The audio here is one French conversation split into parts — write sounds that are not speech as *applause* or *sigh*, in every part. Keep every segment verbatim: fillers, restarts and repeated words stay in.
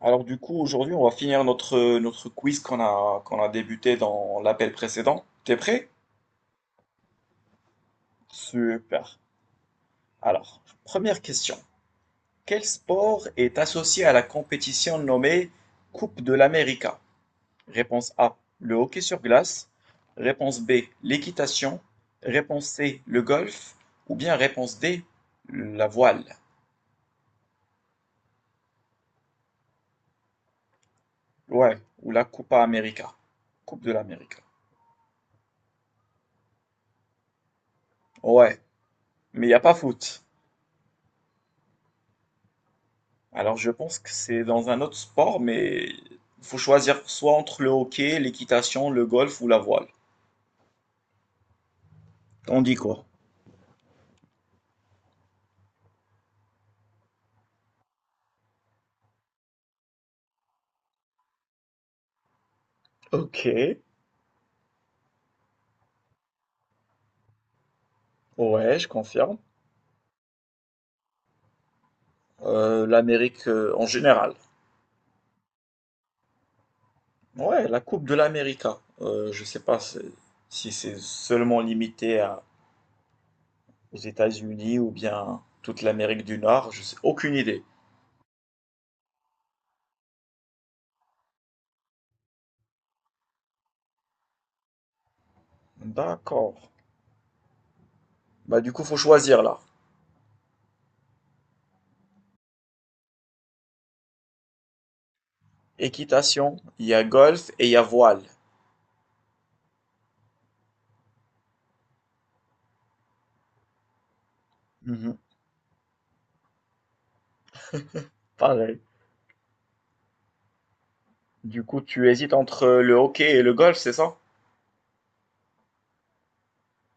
Alors du coup, aujourd'hui, on va finir notre, notre quiz qu'on a, qu'on a débuté dans l'appel précédent. T'es prêt? Super. Alors, première question. Quel sport est associé à la compétition nommée Coupe de l'América? Réponse A, le hockey sur glace. Réponse B, l'équitation. Réponse C, le golf. Ou bien réponse D, la voile. Ouais, ou la Coupa América. Coupe de l'América. Ouais, mais il n'y a pas foot. Alors, je pense que c'est dans un autre sport, mais il faut choisir soit entre le hockey, l'équitation, le golf ou la voile. T'en dis quoi? Ok, ouais, je confirme. Euh, l'Amérique euh, en général. Ouais, la Coupe de l'Amérique, hein. Euh, je sais pas c'est- si c'est seulement limité à- aux États-Unis ou bien toute l'Amérique du Nord, je sais aucune idée. D'accord. Bah du coup, faut choisir là. Équitation, il y a golf et il y a voile. Mhm. Pareil. Du coup, tu hésites entre le hockey et le golf, c'est ça?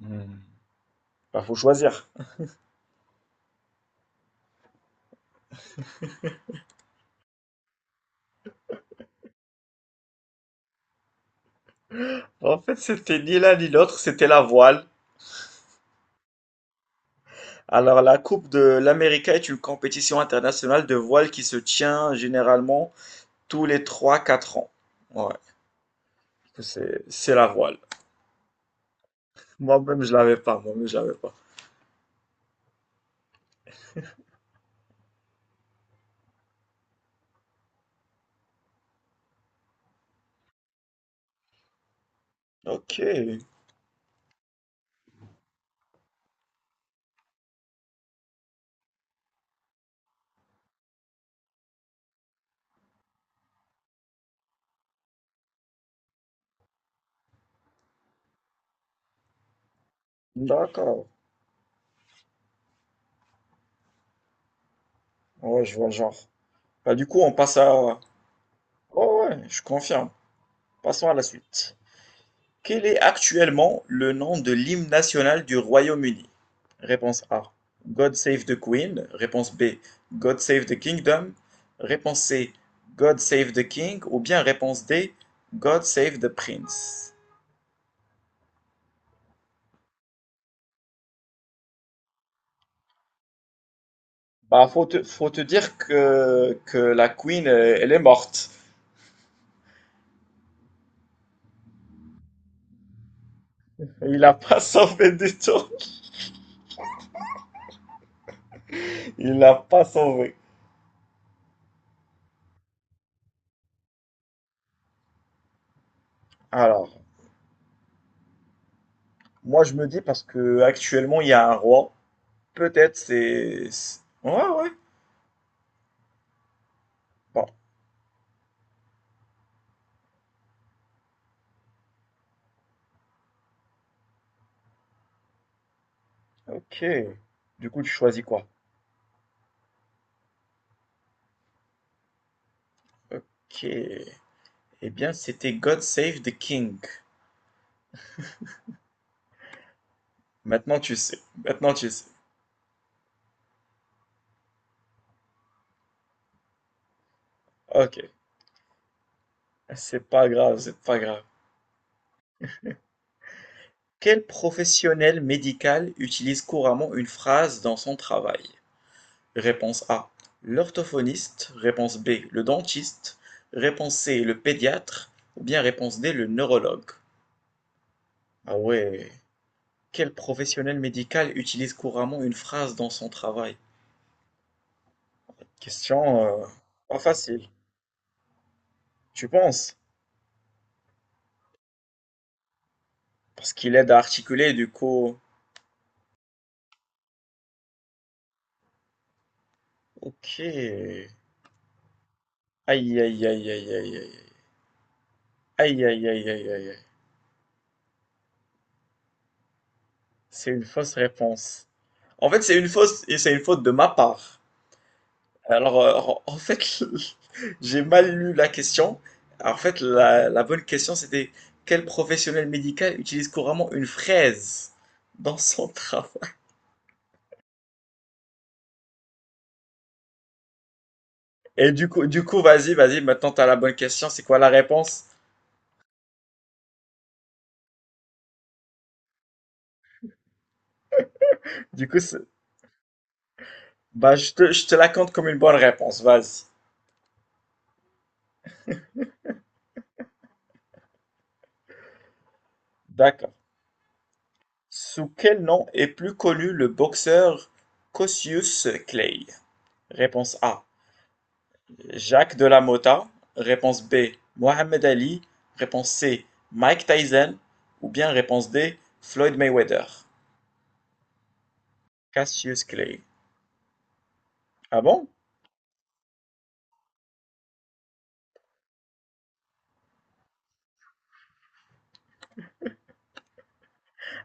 Hmm. Bah, faut choisir. En fait, c'était ni l'un ni l'autre, c'était la voile. Alors, la Coupe de l'Amérique est une compétition internationale de voile qui se tient généralement tous les trois quatre ans. Ouais, c'est c'est la voile. Moi-même, je l'avais pas, moi-même, je l'avais pas. Ok, d'accord. Ouais, je vois le genre. Bah, du coup, on passe à... Oh ouais, je confirme. Passons à la suite. Quel est actuellement le nom de l'hymne national du Royaume-Uni? Réponse A. God Save the Queen. Réponse B. God Save the Kingdom. Réponse C. God Save the King. Ou bien réponse D. God Save the Prince. Bah, faut te, faut te dire que, que la Queen, euh, elle est morte. Il l'a pas *laughs* sauvé du tout. Il l'a pas sauvé. Alors, moi je me dis parce que actuellement il y a un roi. Peut-être c'est. c'est- Ouais, ouais. Bon, Ok. Du coup, tu choisis quoi? Ok. Eh bien, c'était God Save the King. Maintenant, tu sais. Maintenant, tu sais. Ok. C'est pas grave, c'est pas grave. Quel professionnel médical utilise couramment une phrase dans son travail? Réponse A. L'orthophoniste. Réponse B. Le dentiste. Réponse C. Le pédiatre. Ou bien réponse D. Le neurologue. Ah ouais. Quel professionnel médical utilise couramment une phrase dans son travail? Question, euh, pas facile. Tu penses? Parce qu'il aide à articuler, du coup. Ok. Aïe, aïe, aïe, aïe, aïe, aïe. Aïe, aïe, aïe, aïe, aïe, aïe. C'est une fausse réponse. En fait, c'est une fausse et c'est une faute de ma part. Alors, euh, en- en fait, *laughs* j'ai mal lu la question. En fait, la, la bonne question, c'était quel professionnel médical utilise couramment une fraise dans son *laughs* travail? Et du coup, du coup, vas-y, vas-y, maintenant t'as la bonne question. C'est quoi la réponse? Du coup, c'est- bah, je te, je te la compte comme une bonne réponse. Vas-y. D'accord. Sous quel nom est plus connu le boxeur Cassius Clay? Réponse A. Jacques de la Motta. Réponse B. Mohamed Ali. Réponse C. Mike Tyson. Ou bien réponse D. Floyd Mayweather. Cassius Clay. Ah bon?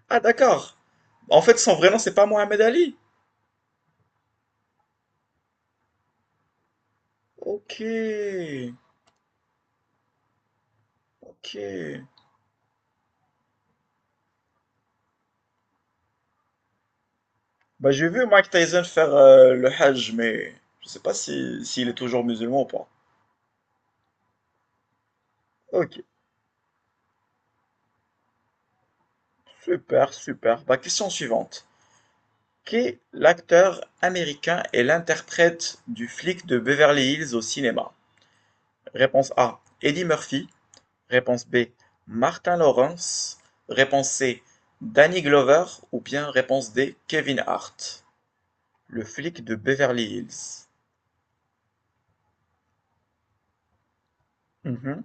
Ah d'accord. En fait, son vrai nom, c'est pas Mohamed Ali. Ok. Ok. Bah, j'ai vu Mike Tyson faire euh, le Hajj, mais je sais pas si s'il est toujours musulman ou pas. Ok. Super, super. Bah, question suivante. Qui est l'acteur américain et l'interprète du flic de Beverly Hills au cinéma? Réponse A, Eddie Murphy. Réponse B, Martin Lawrence. Réponse C, Danny Glover. Ou bien réponse D, Kevin Hart. Le flic de Beverly Hills. Mhm.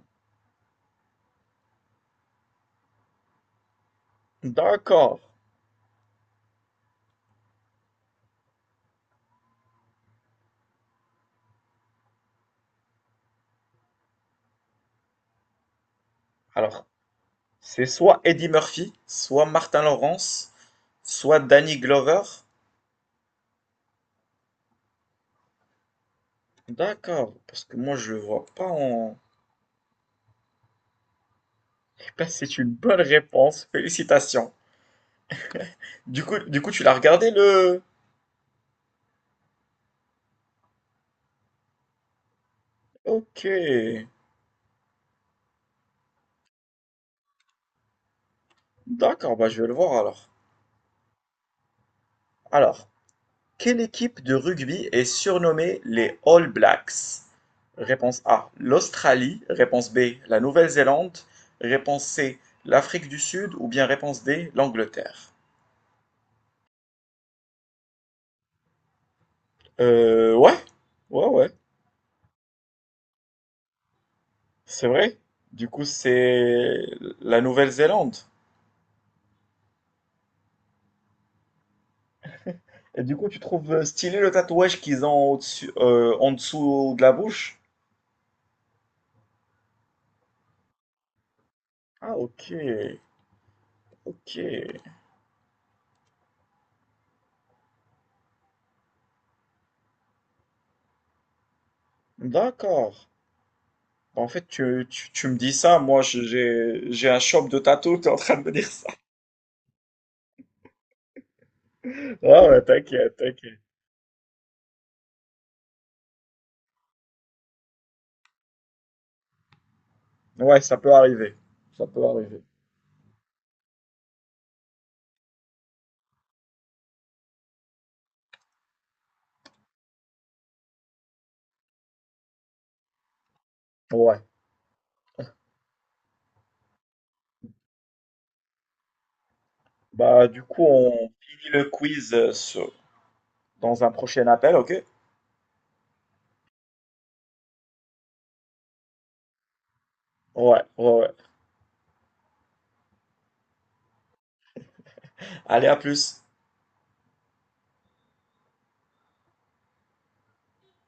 D'accord. Alors, c'est soit Eddie Murphy, soit Martin Lawrence, soit Danny Glover. D'accord, parce que moi je le vois pas en... Ben, c'est une bonne réponse, félicitations. Du coup, du coup, tu l'as regardé le... Ok, d'accord, bah, je vais le voir alors. Alors, quelle équipe de rugby est surnommée les All Blacks? Réponse A, l'Australie. Réponse B, la Nouvelle-Zélande. Réponse C, l'Afrique du Sud. Ou bien réponse D, l'Angleterre. Euh, ouais, ouais, ouais, c'est vrai. Du coup, c'est la Nouvelle-Zélande. Et du coup, tu trouves euh, stylé le tatouage qu'ils ont au-dessus, euh, en dessous de la bouche? Ah, ok, ok, d'accord. Bah, en fait, tu, tu, tu me dis ça, moi j'ai, j'ai un shop de tatou, tu es en train de me dire ça. *laughs* Ah ouais, t'inquiète, t'inquiète. Ouais, ça peut arriver. Ça peut arriver. Ouais. Bah, du coup, on finit le quiz euh, sur- dans un prochain appel, ok? Ouais, ouais, ouais. Allez, à plus.